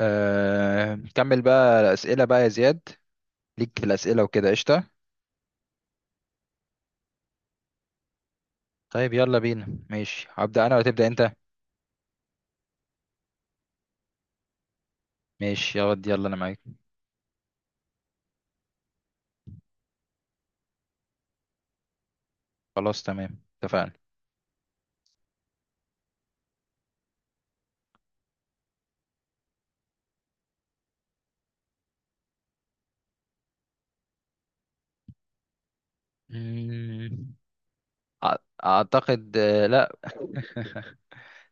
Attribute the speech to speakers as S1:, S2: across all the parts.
S1: نكمل بقى الأسئلة بقى يا زياد. ليك في الأسئلة وكده قشطة. طيب يلا بينا. ماشي، هبدأ أنا ولا تبدأ أنت؟ ماشي، يلا يلا، أنا معاك. خلاص تمام، اتفقنا. مم، أع- أعتقد لا.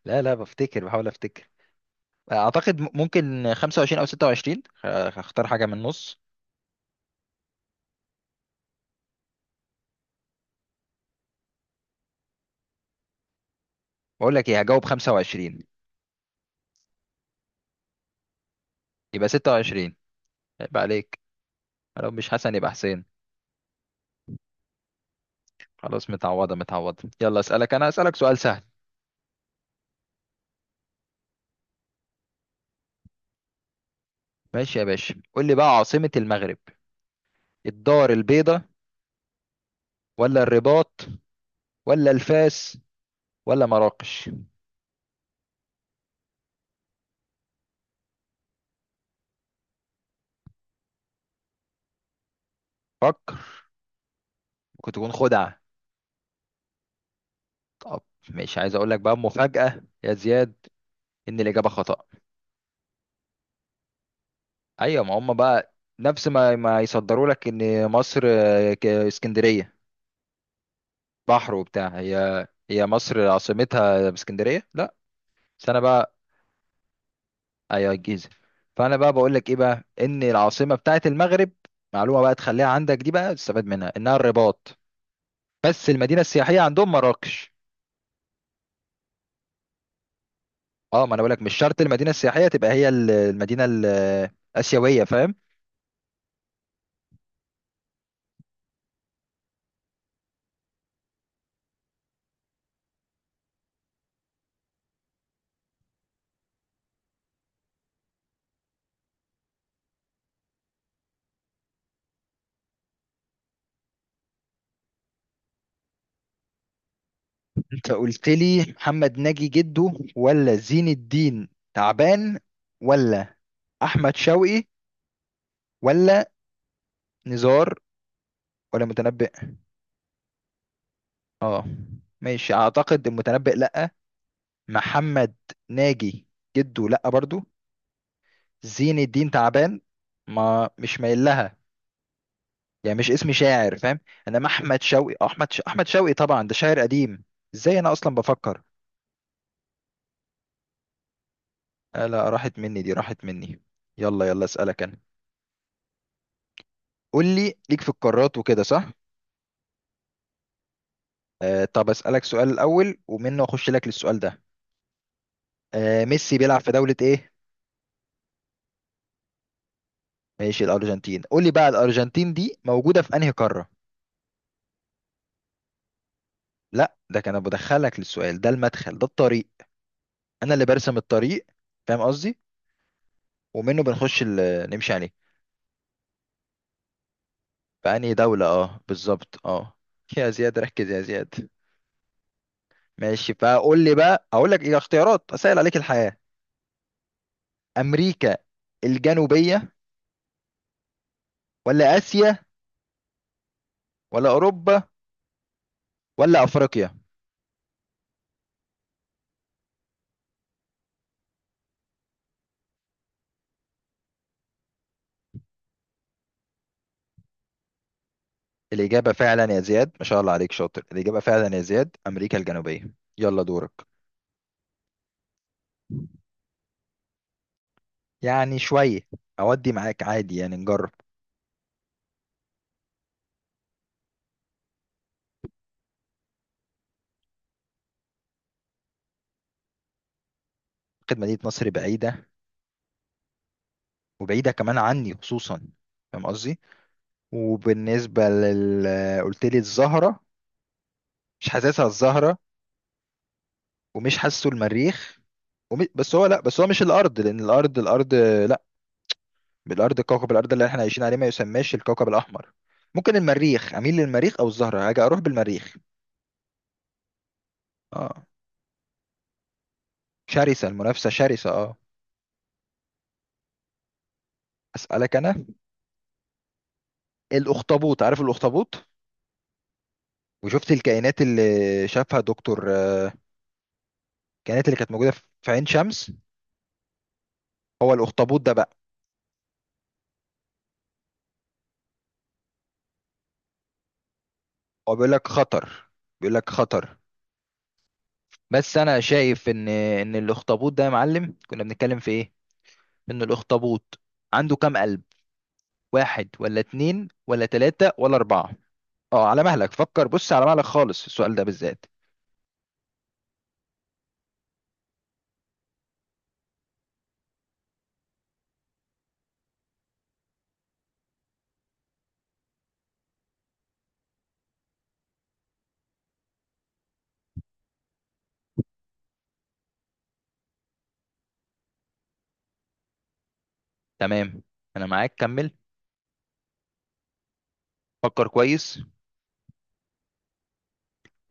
S1: لا لا، بفتكر، بحاول أفتكر. أعتقد ممكن 25 أو 26. هختار حاجة من النص. بقول لك إيه، هجاوب 25. يبقى 26، يبقى عليك. لو مش حسن يبقى حسين. خلاص، متعوضة متعوضة. يلا أسألك أنا، أسألك سؤال سهل. ماشي يا باشا، قول لي بقى عاصمة المغرب: الدار البيضاء، ولا الرباط، ولا الفاس، ولا مراكش؟ فكر، ممكن تكون خدعة. طب، مش عايز اقول لك بقى مفاجأة يا زياد ان الإجابة خطأ. ايوه، ما هم بقى. نفس ما يصدروا لك ان مصر اسكندرية بحر وبتاع. هي مصر عاصمتها اسكندرية؟ لا. بس انا بقى، ايوه الجيزة. فانا بقى بقول لك ايه بقى ان العاصمة بتاعت المغرب، معلومة بقى تخليها عندك دي، بقى تستفاد منها، انها الرباط. بس المدينه السياحيه عندهم مراكش. اه، ما انا بقولك مش شرط المدينه السياحيه تبقى هي ال- المدينه ال- الاسيويه، فاهم؟ انت قلت لي محمد ناجي جده، ولا زين الدين تعبان، ولا احمد شوقي، ولا نزار، ولا متنبئ؟ اه، ماشي. اعتقد المتنبئ لا. محمد ناجي جده لا برضو. زين الدين تعبان، ما مش مايل لها، يعني مش اسمي شاعر فاهم. انما احمد شوقي، احمد شوقي طبعا، ده شاعر قديم. ازاي انا اصلا بفكر؟ لا، راحت مني دي، راحت مني. يلا يلا، اسالك انا. قول لي، ليك في القارات وكده صح؟ طب اسالك سؤال الاول، ومنه اخش لك للسؤال ده. ميسي بيلعب في دولة ايه؟ ماشي، الارجنتين. قول لي بقى، الارجنتين دي موجودة في انهي قارة؟ لا، ده كان بدخلك للسؤال ده، المدخل ده الطريق. انا اللي برسم الطريق، فاهم قصدي؟ ومنه بنخش نمشي عليه. بأنهي دولة؟ اه بالظبط اه. يا زياد ركز، يا زياد. ماشي، فقول لي بقى، اقول لك ايه، اختيارات اسهل عليك الحياة: امريكا الجنوبية، ولا اسيا، ولا اوروبا، ولا افريقيا؟ الاجابة فعلا يا زياد، ما شاء الله عليك، شاطر. الاجابة فعلا يا زياد، امريكا الجنوبية. يلا دورك. يعني شوية، اودي معاك عادي يعني نجرب. خد مدينة نصر بعيدة، وبعيدة كمان عني خصوصا، فاهم قصدي؟ وبالنسبة لل... قلت لي الزهرة. مش حاسسها الزهرة، ومش حاسه المريخ. ومي... بس هو لا بس هو مش الارض، لان الارض، لا، الارض كوكب، الارض اللي احنا عايشين عليه ما يسماش الكوكب الاحمر. ممكن المريخ، اميل للمريخ او الزهره. هاجي اروح بالمريخ. اه، شرسه المنافسه شرسه، اه. اسالك انا. الاخطبوط، عارف الاخطبوط؟ وشفت الكائنات اللي شافها دكتور، الكائنات اللي كانت موجوده في عين شمس؟ هو الاخطبوط ده بقى. هو بيقول لك خطر، بيقول لك خطر. بس انا شايف ان الاخطبوط ده يا معلم، كنا بنتكلم في ايه، ان الاخطبوط عنده كام قلب: واحد ولا اتنين ولا تلاتة ولا اربعة؟ اه، على مهلك فكر. بص، على مهلك خالص في السؤال ده بالذات. تمام. انا معاك، كمل. فكر كويس.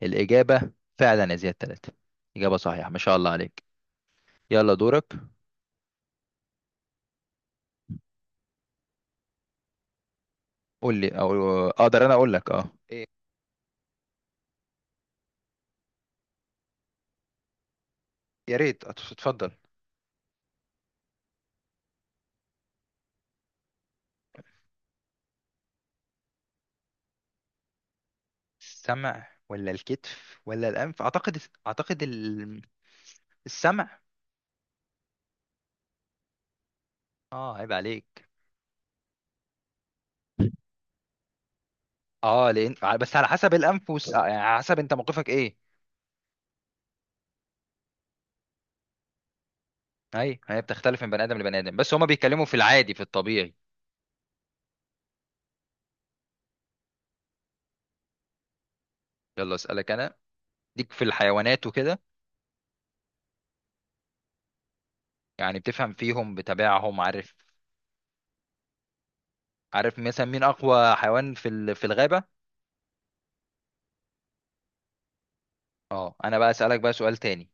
S1: الاجابة فعلا يا زياد تلاتة. اجابة صحيحة، ما شاء الله عليك. يلا دورك. قول لي، او اقدر انا اقول لك إيه. يا ريت، اتفضل. السمع ولا الكتف ولا الانف؟ اعتقد، اعتقد السمع. اه، عيب عليك. اه لان، بس على حسب الانف والس... آه، يعني على حسب انت موقفك ايه. اي، هي بتختلف من بني ادم لبني ادم، بس هما بيتكلموا في العادي، في الطبيعي. يلا اسالك انا، ليك في الحيوانات وكده. يعني بتفهم فيهم، بتابعهم عارف. عارف مثلا مين اقوى حيوان في الغابه؟ اه، انا بقى اسالك بقى سؤال تاني.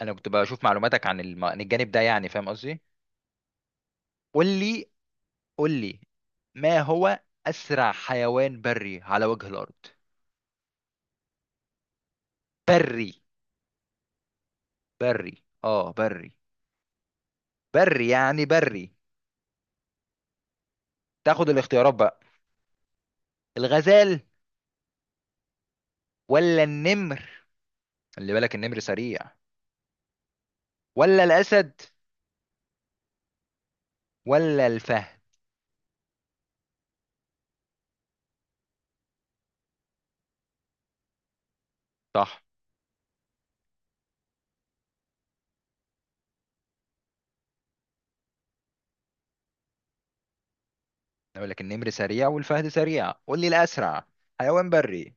S1: انا كنت بشوف معلوماتك عن الجانب ده يعني، فاهم قصدي؟ قول لي، قول لي ما هو اسرع حيوان بري على وجه الارض. بري؟ بري. اه بري. بري يعني بري. تاخد الاختيارات بقى: الغزال، ولا النمر، خلي بالك النمر سريع، ولا الاسد، ولا الفهد؟ صح. اقول لك النمر سريع والفهد سريع، قول لي الاسرع حيوان بري.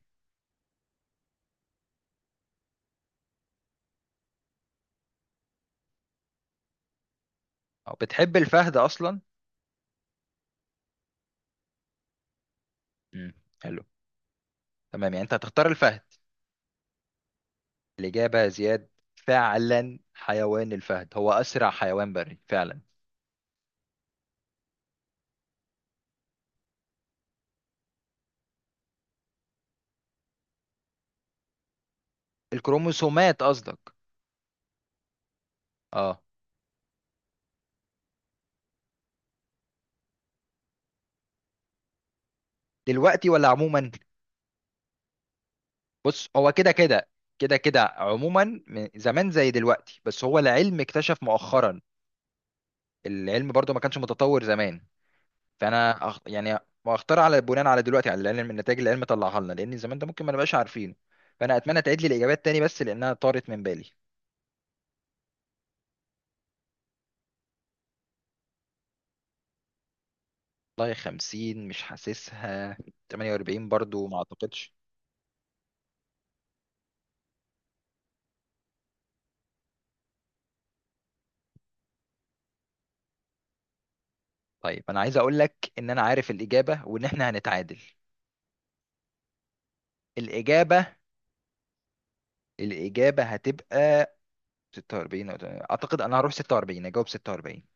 S1: أو بتحب الفهد اصلا؟ امم حلو. تمام، يعني انت هتختار الفهد. الاجابه يا زياد، فعلا حيوان الفهد هو اسرع حيوان بري فعلا. الكروموسومات قصدك؟ اه. دلوقتي ولا عموما؟ بص، هو كده كده، كده كده عموما، من زمان زي دلوقتي، بس هو العلم اكتشف مؤخرا. العلم برضو ما كانش متطور زمان. فانا يعني، واختار، بناء على دلوقتي، على العلم، النتائج اللي العلم طلعها لنا، لان زمان ده ممكن ما نبقاش عارفين. فانا اتمنى تعيد لي الاجابات تاني، بس لانها طارت من بالي. والله 50 مش حاسسها. 48 برضو ما اعتقدش. طيب انا عايز اقول لك ان انا عارف الاجابه، وان احنا هنتعادل. الاجابه، الاجابه هتبقى 46 تمانية. اعتقد انا هروح 46، اجاوب 46.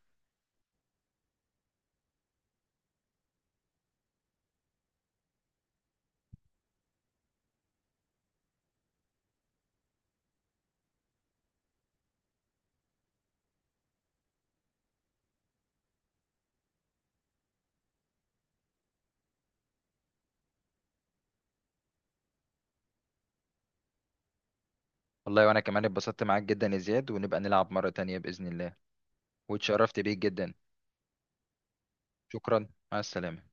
S1: والله وانا كمان اتبسطت معاك جدا يا زياد، ونبقى نلعب مره تانية باذن الله. واتشرفت بيك جدا. شكرا، مع السلامه.